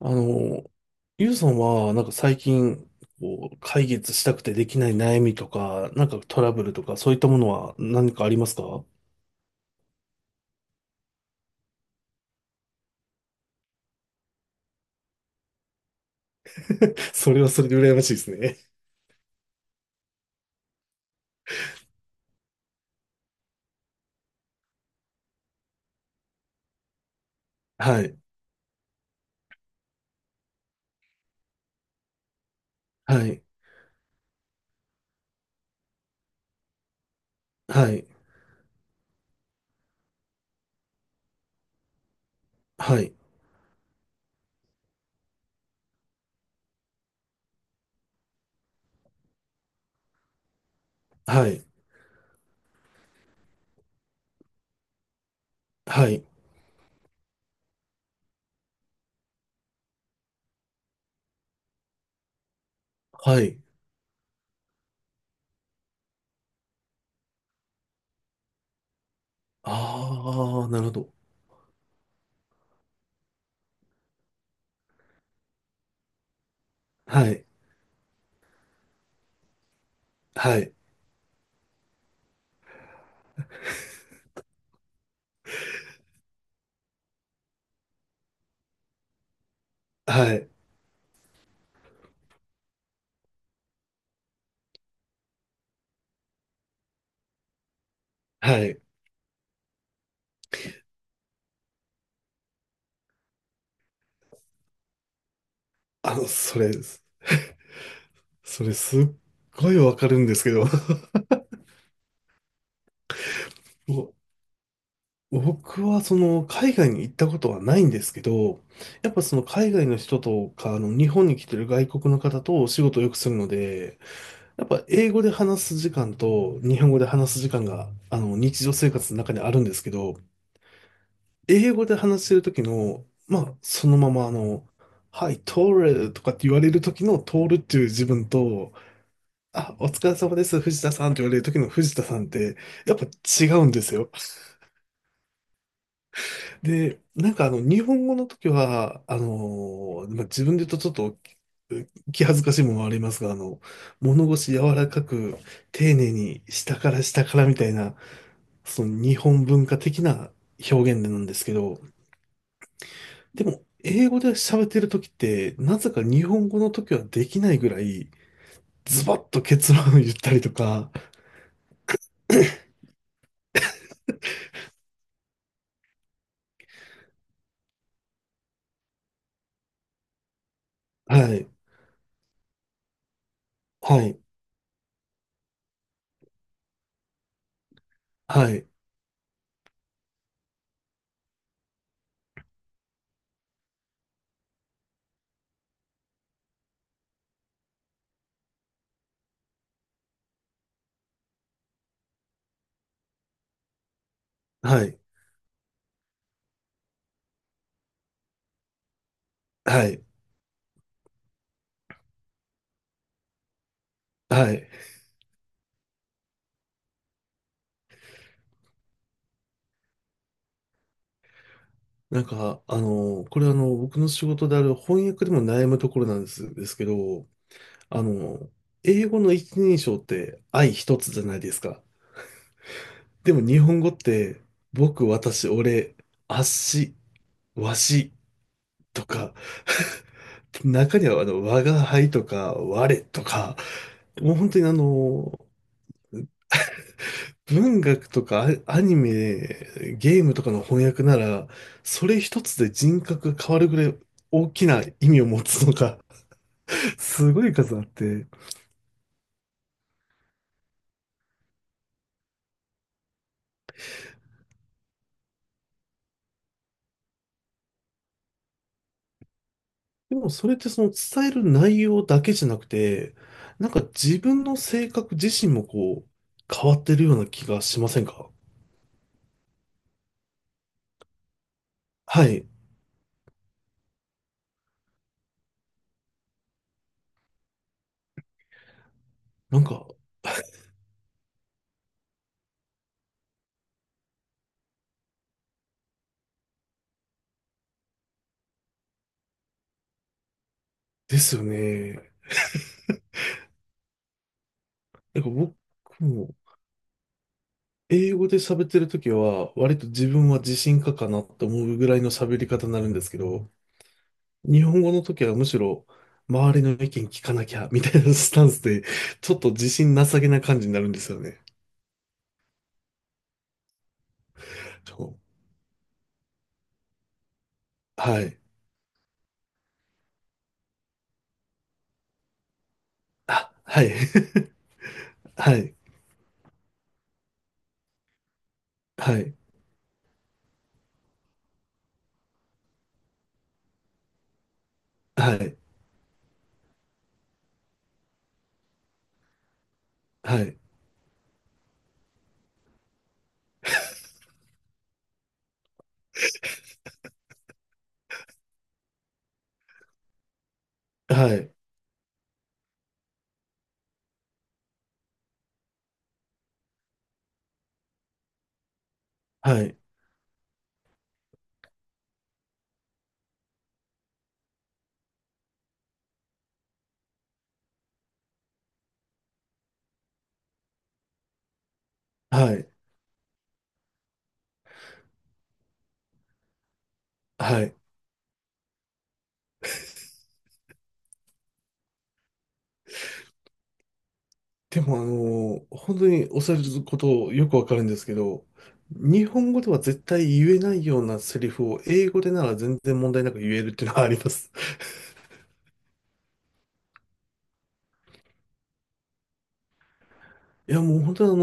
あの、ゆうさんは、最近、解決したくてできない悩みとか、トラブルとか、そういったものは何かありますか？ それはそれで羨ましいですね。はい、はい、はい、はい、はい、はい、はい。ああ、なるほど。はい、はい、はい、はい。あの、それ、それすっごいわかるんですけど。もう僕はその海外に行ったことはないんですけど、やっぱその海外の人とか、あの日本に来てる外国の方とお仕事をよくするので、やっぱ英語で話す時間と日本語で話す時間が、あの日常生活の中にあるんですけど、英語で話してる時の、はい、通るとかって言われる時の通るっていう自分と、あ、お疲れ様です、藤田さんって言われる時の藤田さんって、やっぱ違うんですよ。で、日本語の時は、まあ、自分で言うとちょっと気恥ずかしいものはありますが、物腰柔らかく、丁寧に下から下からみたいな、その日本文化的な表現なんですけど、でも、英語で喋ってる時って、なぜか日本語の時はできないぐらい、ズバッと結論を言ったりとか、はい、はい、はい、はい、はい、はい、なんか、あの、これあの、僕の仕事である翻訳でも悩むところなんです、ですけど、あの、英語の一人称って愛一つじゃないですか。でも日本語って、僕、私、俺、あっし、わしとか、中には我が輩とか、我とか、もう本当にあの、文学とかニメ、ゲームとかの翻訳なら、それ一つで人格が変わるぐらい大きな意味を持つのか、すごい数あって。でもそれってその伝える内容だけじゃなくて、なんか自分の性格自身もこう、変わってるような気がしませんか？はい。なんか、ですよね。なんか僕も、英語で喋ってるときは、割と自分は自信家かなって思うぐらいの喋り方になるんですけど、日本語の時はむしろ、周りの意見聞かなきゃ、みたいなスタンスで、ちょっと自信なさげな感じになるんですよね。そう、はい。あ、はい。はい。はい、はい、はい、はい、はい、はい、はい。でも、本当におっしゃることよくわかるんですけど、日本語では絶対言えないようなセリフを英語でなら全然問題なく言えるっていうのはあります。いや、もう本当にあ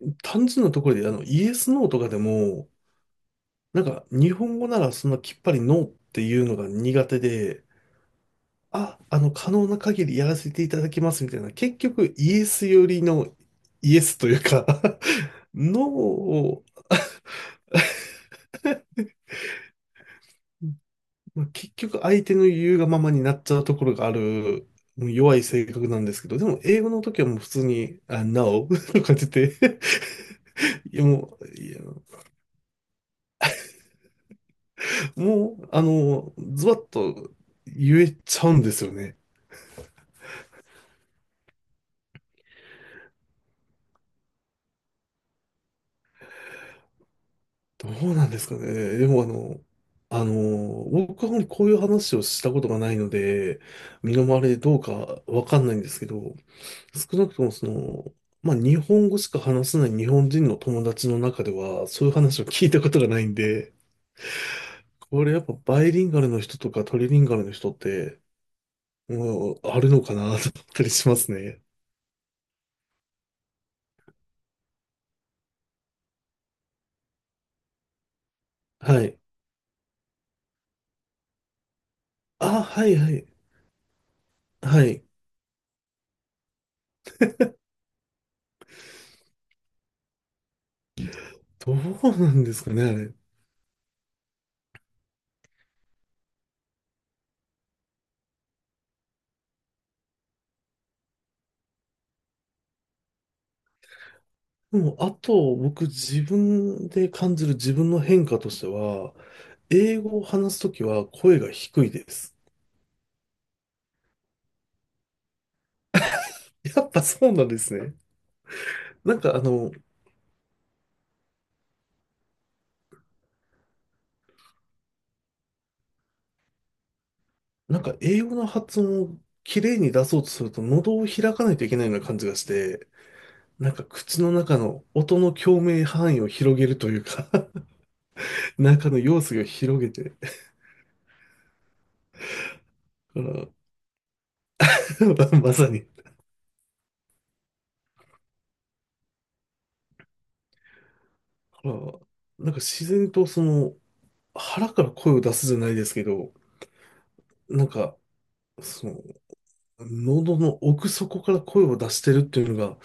の、単純なところで、イエス、ノーとかでも、なんか日本語ならそんなきっぱりノーっていうのが苦手で、可能な限りやらせていただきますみたいな、結局イエス寄りのイエスというか ノーを、まあ結局相手の言うがままになっちゃうところがある、もう弱い性格なんですけど、でも英語の時はもう普通に、あ、No とか言って、いやもう、いやもう、あの、ズバッと言えちゃうんですよね。どうなんですかね。でもあの、僕はあまりこういう話をしたことがないので、身の回りでどうかわかんないんですけど、少なくともその、まあ日本語しか話せない日本人の友達の中では、そういう話を聞いたことがないんで、これやっぱバイリンガルの人とかトリリンガルの人って、もうあるのかなと思ったりしますね。はい。あ、はいはい。はい。どうなんですかね、あれ。もう、あと、僕、自分で感じる自分の変化としては、英語を話すときは声が低いです。やっぱそうなんですね。なんか、あの、英語の発音を綺麗に出そうとすると、喉を開かないといけないような感じがして、なんか、口の中の音の共鳴範囲を広げるというか 中の様子を広げて、だから まさに、だからなんか、自然と、腹から声を出すじゃないですけど、なんか、その、喉の奥底から声を出してるっていうのが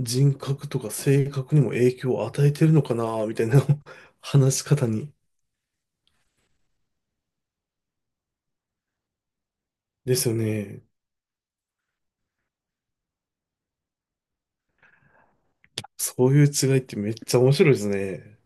人格とか性格にも影響を与えてるのかなみたいな 話し方に。ですよね。そういう違いってめっちゃ面白いですね。